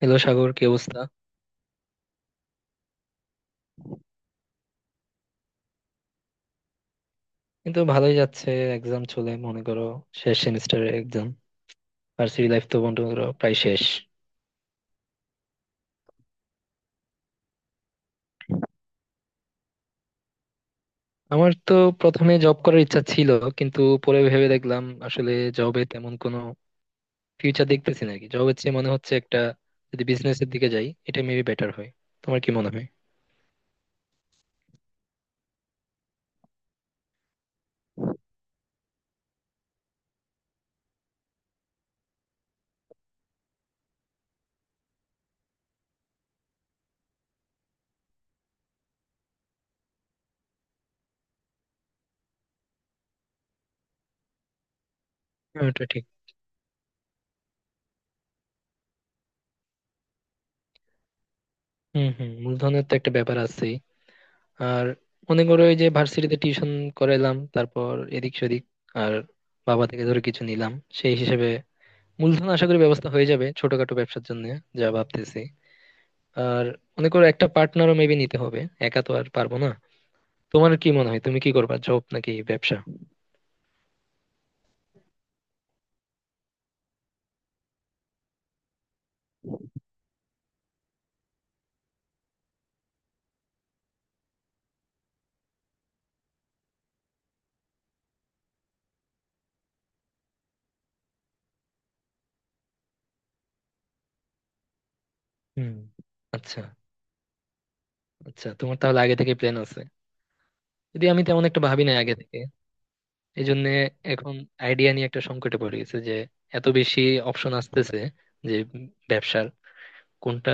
Hello Sagar, কি অবস্থা? কিন্তু ভালোই যাচ্ছে। এক্সাম চলে মনে করো, শেষ সেমিস্টারের এক্সাম। ভার্সিটি লাইফ তো মনে করো প্রায় শেষ। আমার তো প্রথমে জব করার ইচ্ছা ছিল, কিন্তু পরে ভেবে দেখলাম আসলে জবে তেমন কোনো ফিউচার দেখতেছি নাকি, জব হচ্ছে মনে হচ্ছে একটা। যদি বিজনেসের দিকে যাই এটা মেবি বেটার হয়। তোমার কি মনে হয়? হ্যাঁ, ওটা ঠিক। হম হম, মূলধনের তো একটা ব্যাপার আছে। আর মনে করো ওই যে ভার্সিটিতে টিউশন করাইলাম, তারপর এদিক সেদিক, আর বাবা থেকে ধরে কিছু নিলাম, সেই হিসেবে মূলধন আশা করি ব্যবস্থা হয়ে যাবে ছোটখাটো ব্যবসার জন্য, যা ভাবতেছি। আর মনে করো একটা পার্টনারও মেবি নিতে হবে, একা তো আর পারবো না। তোমার কি মনে হয়, তুমি কি করবা, জব নাকি ব্যবসা? হুম। আচ্ছা, আচ্ছা, তোমার তাহলে আগে থেকে প্ল্যান আছে। যদি আমি তেমন একটা ভাবি নাই আগে থেকে, এই জন্য এখন আইডিয়া নিয়ে একটা সংকটে পড়ে গেছে যে এত বেশি অপশন আসতেছে, যে ব্যবসার কোনটা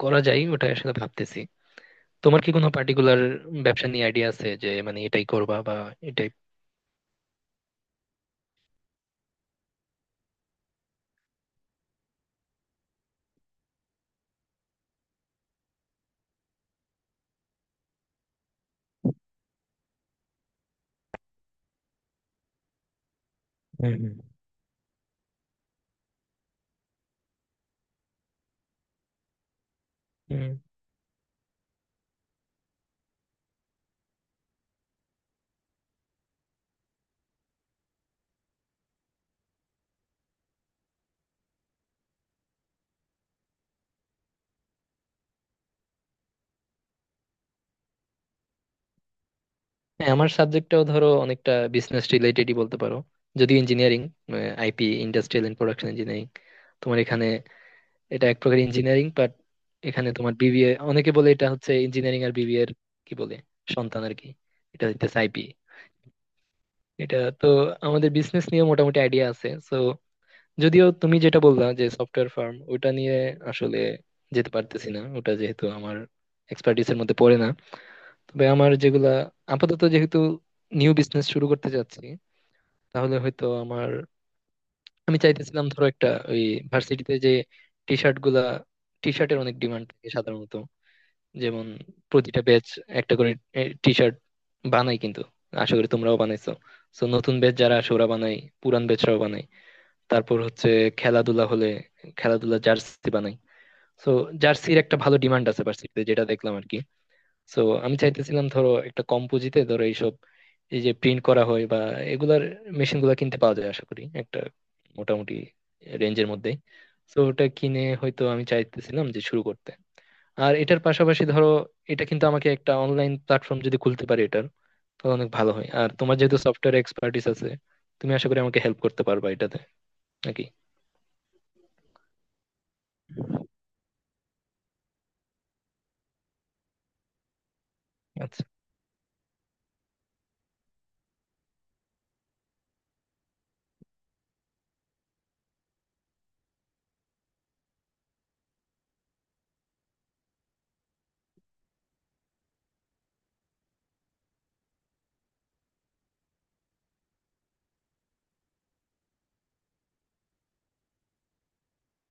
করা যায় ওটা আসলে ভাবতেছি। তোমার কি কোনো পার্টিকুলার ব্যবসা নিয়ে আইডিয়া আছে, যে মানে এটাই করবা বা এটাই? হুম। হুম। হ্যাঁ, আমার সাবজেক্টটাও ধরো অনেকটা বিজনেস রিলেটেডই বলতে পারো, যদিও engineering. IP, industrial and production engineering তোমার এখানে। এটা এক প্রকার ইঞ্জিনিয়ারিং বাট এখানে তোমার বিবিএ, অনেকে বলে এটা হচ্ছে ইঞ্জিনিয়ারিং আর বিবিএ এর কি বলে, সন্তান আর কি। এটা হচ্ছে আইপি। এটা তো, আমাদের বিজনেস নিয়ে মোটামুটি আইডিয়া আছে, সো যদিও তুমি যেটা বললা যে সফটওয়্যার ফার্ম, ওটা নিয়ে আসলে যেতে পারতেছি না, ওটা যেহেতু আমার এক্সপার্টিস এর মধ্যে পড়ে না। তবে আমার যেগুলা আপাতত, যেহেতু নিউ বিজনেস শুরু করতে যাচ্ছি, তাহলে হয়তো আমার, আমি চাইতেছিলাম ধরো একটা, ওই ভার্সিটিতে যে টি শার্ট গুলা, টি শার্টের অনেক ডিমান্ড থাকে সাধারণত। যেমন প্রতিটা ব্যাচ একটা করে টি শার্ট বানাই, কিন্তু আশা করি তোমরাও বানাইছো। তো নতুন ব্যাচ যারা আসে ওরা বানাই, পুরান ব্যাচরাও বানাই। তারপর হচ্ছে খেলাধুলা হলে খেলাধুলা জার্সি বানাই। তো জার্সির একটা ভালো ডিমান্ড আছে ভার্সিটিতে, যেটা দেখলাম আর কি। সো আমি চাইতেছিলাম ধরো একটা কম পুঁজিতে ধরো এইসব, এই যে প্রিন্ট করা হয় বা এগুলার মেশিন গুলা কিনতে পাওয়া যায় আশা করি একটা মোটামুটি রেঞ্জের মধ্যে। তো ওটা কিনে হয়তো আমি চাইতেছিলাম যে শুরু করতে। আর এটার পাশাপাশি ধরো এটা কিন্তু, আমাকে একটা অনলাইন প্ল্যাটফর্ম যদি খুলতে পারি এটার, তাহলে অনেক ভালো হয়। আর তোমার যেহেতু সফটওয়্যার এক্সপার্টিস আছে, তুমি আশা করি আমাকে হেল্প করতে পারবা এটাতে, নাকি? আচ্ছা।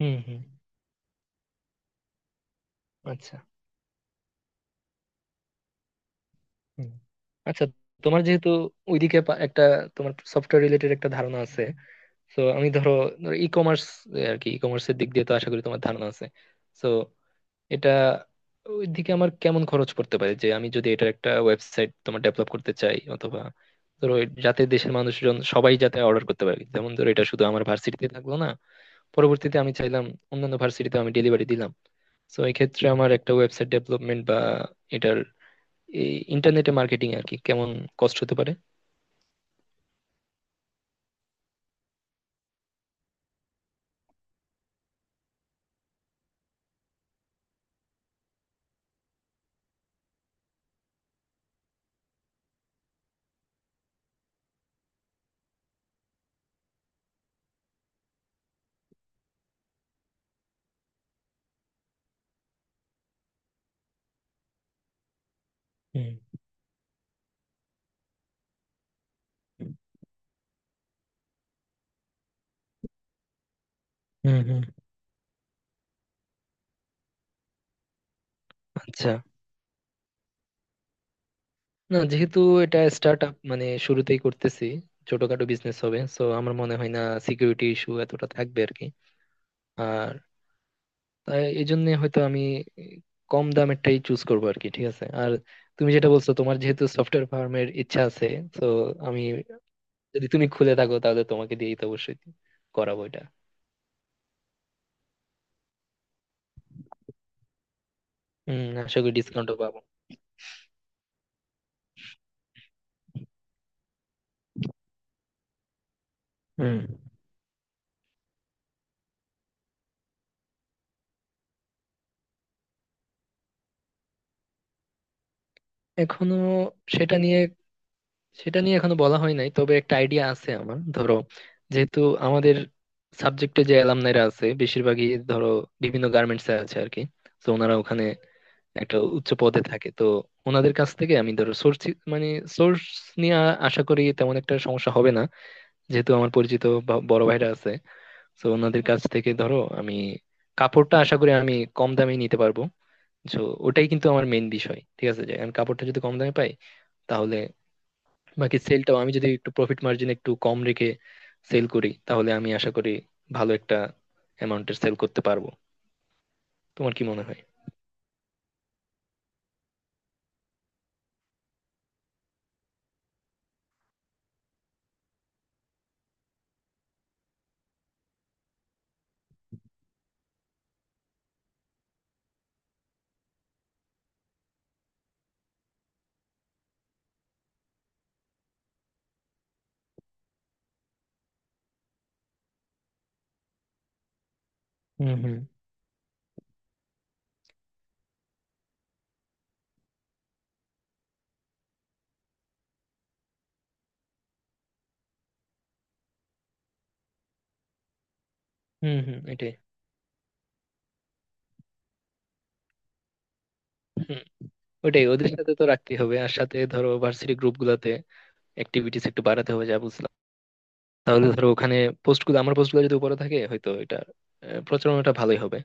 হুম, হুম। আচ্ছা। হুম। আচ্ছা, তোমার যেহেতু ওইদিকে একটা, তোমার সফটওয়্যার রিলেটেড একটা ধারণা আছে। তো আমি ধরো ই কমার্স আর কি, ই কমার্সের দিক দিয়ে তো আশা করি তোমার ধারণা আছে। তো এটা, ওই দিকে আমার কেমন খরচ পড়তে পারে, যে আমি যদি এটার একটা ওয়েবসাইট তোমার ডেভেলপ করতে চাই, অথবা ধরো যাতে দেশের মানুষজন সবাই যাতে অর্ডার করতে পারে, যেমন ধরো এটা শুধু আমার ভার্সিটিতে থাকলো না, পরবর্তীতে আমি চাইলাম অন্যান্য ভার্সিটিতে আমি ডেলিভারি দিলাম। তো এই ক্ষেত্রে আমার একটা ওয়েবসাইট ডেভেলপমেন্ট বা এটার ইন্টারনেটে মার্কেটিং আর কি কেমন কষ্ট হতে পারে? হুম, হুম। হুম। আচ্ছা। না, যেহেতু এটা স্টার্ট আপ, মানে শুরুতেই করতেছি, ছোটখাটো বিজনেস হবে, সো আমার মনে হয় না সিকিউরিটি ইস্যু এতটা থাকবে আর কি। আর তাই এই জন্য হয়তো আমি কম দামেরটাই চুজ করবো আর কি, ঠিক আছে। আর তুমি যেটা বলছো, তোমার যেহেতু সফটওয়্যার ফার্মের ইচ্ছা আছে, তো আমি, যদি তুমি খুলে থাকো তাহলে তোমাকে দিয়েই তো অবশ্যই করাবো এটা। হম, আশা করি ডিসকাউন্টও পাবো। হুম। এখনো সেটা নিয়ে, সেটা নিয়ে এখনো বলা হয় নাই, তবে একটা আইডিয়া আছে আমার। ধরো যেহেতু আমাদের সাবজেক্টে যে অ্যালামনাইরা আছে, বেশিরভাগই ধরো বিভিন্ন গার্মেন্টস এ আছে আর কি। তো ওনারা ওখানে একটা উচ্চ পদে থাকে, তো ওনাদের কাছ থেকে আমি ধরো সোর্স, মানে সোর্স নিয়ে আশা করি তেমন একটা সমস্যা হবে না, যেহেতু আমার পরিচিত বড় ভাইরা আছে। তো ওনাদের কাছ থেকে ধরো আমি কাপড়টা আশা করি আমি কম দামে নিতে পারবো। তো ওটাই কিন্তু আমার মেইন বিষয়, ঠিক আছে, যে আমি কাপড়টা যদি কম দামে পাই, তাহলে বাকি সেলটাও আমি যদি একটু প্রফিট মার্জিন একটু কম রেখে সেল করি, তাহলে আমি আশা করি ভালো একটা অ্যামাউন্টের সেল করতে পারবো। তোমার কি মনে হয়? হুম, হুম। হুম, হুম, এটাই। হুম। ওটাই, ওদের সাথে তো রাখতেই হবে। আর সাথে ধরো ভার্সিটি গ্রুপ গুলাতে অ্যাক্টিভিটিস একটু বাড়াতে হবে, যা বুঝলাম। তাহলে ধরো ওখানে পোস্ট গুলো যদি উপরে থাকে, হয়তো এটা প্রচারণাটা ভালোই হবে।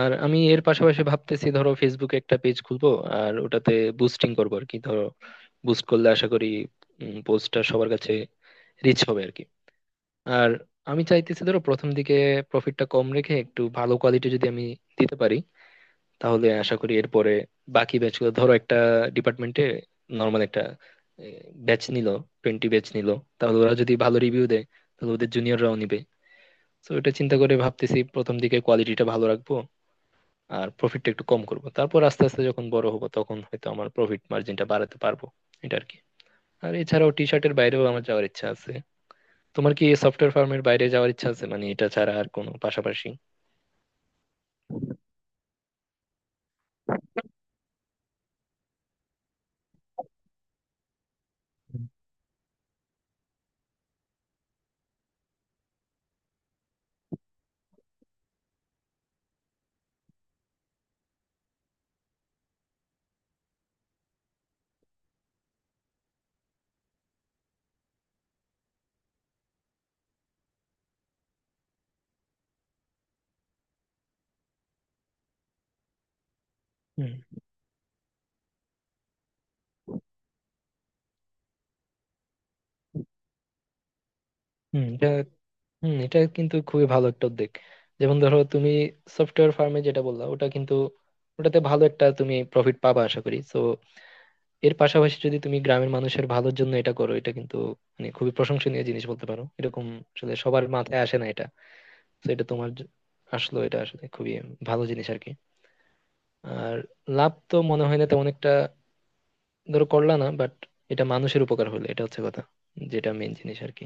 আর আমি এর পাশাপাশি ভাবতেছি ধরো ফেসবুকে একটা পেজ খুলবো, আর ওটাতে বুস্টিং করবো আর কি। ধরো বুস্ট করলে আশা করি পোস্টটা সবার কাছে রিচ হবে আর কি। আর আমি চাইতেছি ধরো প্রথম দিকে প্রফিটটা কম রেখে একটু ভালো কোয়ালিটি যদি আমি দিতে পারি, তাহলে আশা করি এরপরে বাকি ব্যাচগুলো ধরো, একটা ডিপার্টমেন্টে নর্মাল একটা ব্যাচ নিল, টোয়েন্টি ব্যাচ নিল, তাহলে ওরা যদি ভালো রিভিউ দেয়, তাহলে ওদের জুনিয়ররাও নিবে। তো এটা চিন্তা করে ভাবতেছি প্রথম দিকে কোয়ালিটিটা ভালো রাখবো, আর প্রফিটটা একটু কম করব, তারপর আস্তে আস্তে যখন বড় হবো তখন হয়তো আমার প্রফিট মার্জিনটা বাড়াতে পারবো, এটা আর কি। আর এছাড়াও টি শার্টের বাইরেও আমার যাওয়ার ইচ্ছা আছে। তোমার কি সফটওয়্যার ফার্মের বাইরে যাওয়ার ইচ্ছা আছে, মানে এটা ছাড়া আর কোনো পাশাপাশি? হুম, হুম, এটা। হুম, এটা কিন্তু খুবই ভালো একটা উদ্যোগ। যেমন ধরো তুমি সফটওয়্যার ফার্মে যেটা বললা, ওটা কিন্তু, ওটাতে ভালো একটা তুমি প্রফিট পাবা আশা করি, তো এর পাশাপাশি যদি তুমি গ্রামের মানুষের ভালোর জন্য এটা করো, এটা কিন্তু মানে খুবই প্রশংসনীয় জিনিস বলতে পারো, এরকম আসলে সবার মাথায় আসে না এটা। তো এটা তোমার আসলো, এটা আসলে খুবই ভালো জিনিস আর কি। আর লাভ তো মনে হয় না তেমন একটা ধরো করলা না, বাট এটা মানুষের উপকার হলো, এটা হচ্ছে কথা, যেটা মেন জিনিস আর কি।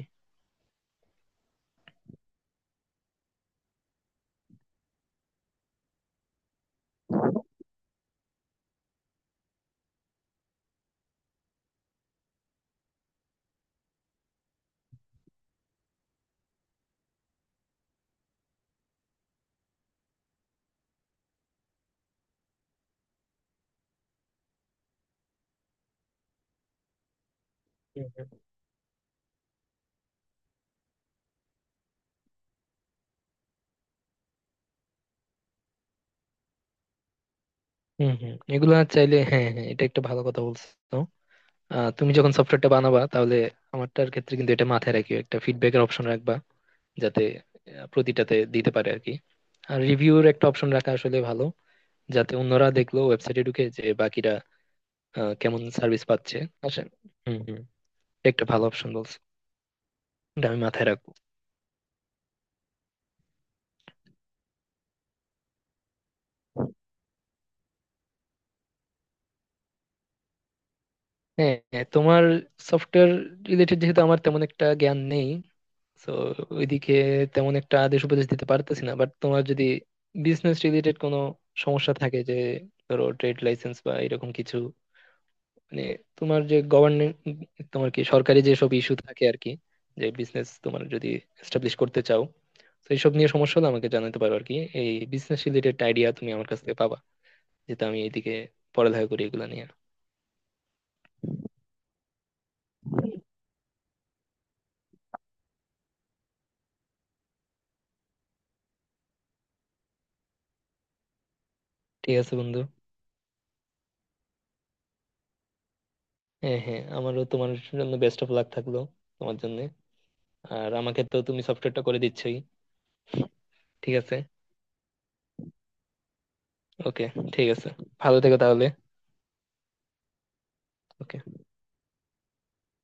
হুম, হুম। হম হম, এগুলা চাইলে, হ্যাঁ হ্যাঁ, এটা একটা ভালো কথা বলছো। তুমি যখন সফটওয়্যারটা বানাবা, তাহলে আমারটার ক্ষেত্রে কিন্তু এটা মাথায় রাখিও, একটা ফিডব্যাকের অপশন রাখবা, যাতে প্রতিটাতে দিতে পারে আর কি। আর রিভিউর একটা অপশন রাখা আসলে ভালো, যাতে অন্যরা দেখলো ওয়েবসাইটে ঢুকে, যে বাকিরা কেমন সার্ভিস পাচ্ছে। আসেন। হম হম, একটা ভালো অপশন বলছো, এটা আমি মাথায় রাখবো। হ্যাঁ, হ্যাঁ, তোমার সফটওয়্যার রিলেটেড যেহেতু আমার তেমন একটা জ্ঞান নেই, তো ওইদিকে তেমন একটা আদেশ উপদেশ দিতে পারতেছি না, বাট তোমার যদি বিজনেস রিলেটেড কোনো সমস্যা থাকে, যে ধরো ট্রেড লাইসেন্স বা এরকম কিছু, মানে তোমার যে গভর্নমেন্ট, তোমার কি সরকারি যেসব ইস্যু থাকে আর কি, যে বিজনেস তোমার যদি এস্টাবলিশ করতে চাও, তো এইসব নিয়ে সমস্যা হলে আমাকে জানাতে পারো আর কি। এই বিজনেস রিলেটেড আইডিয়া তুমি আমার কাছ থেকে পাবা, যেহেতু আমি এইদিকে পড়ালেখা করি এগুলো নিয়ে। ঠিক আছে বন্ধু। হ্যাঁ হ্যাঁ, আমারও তোমার জন্য বেস্ট অফ লাক থাকলো, তোমার জন্য। আর আমাকে তো তুমি সফটওয়্যারটা করে দিচ্ছই। ঠিক আছে। ওকে। ঠিক আছে। ভালো থেকো তাহলে। ওকে।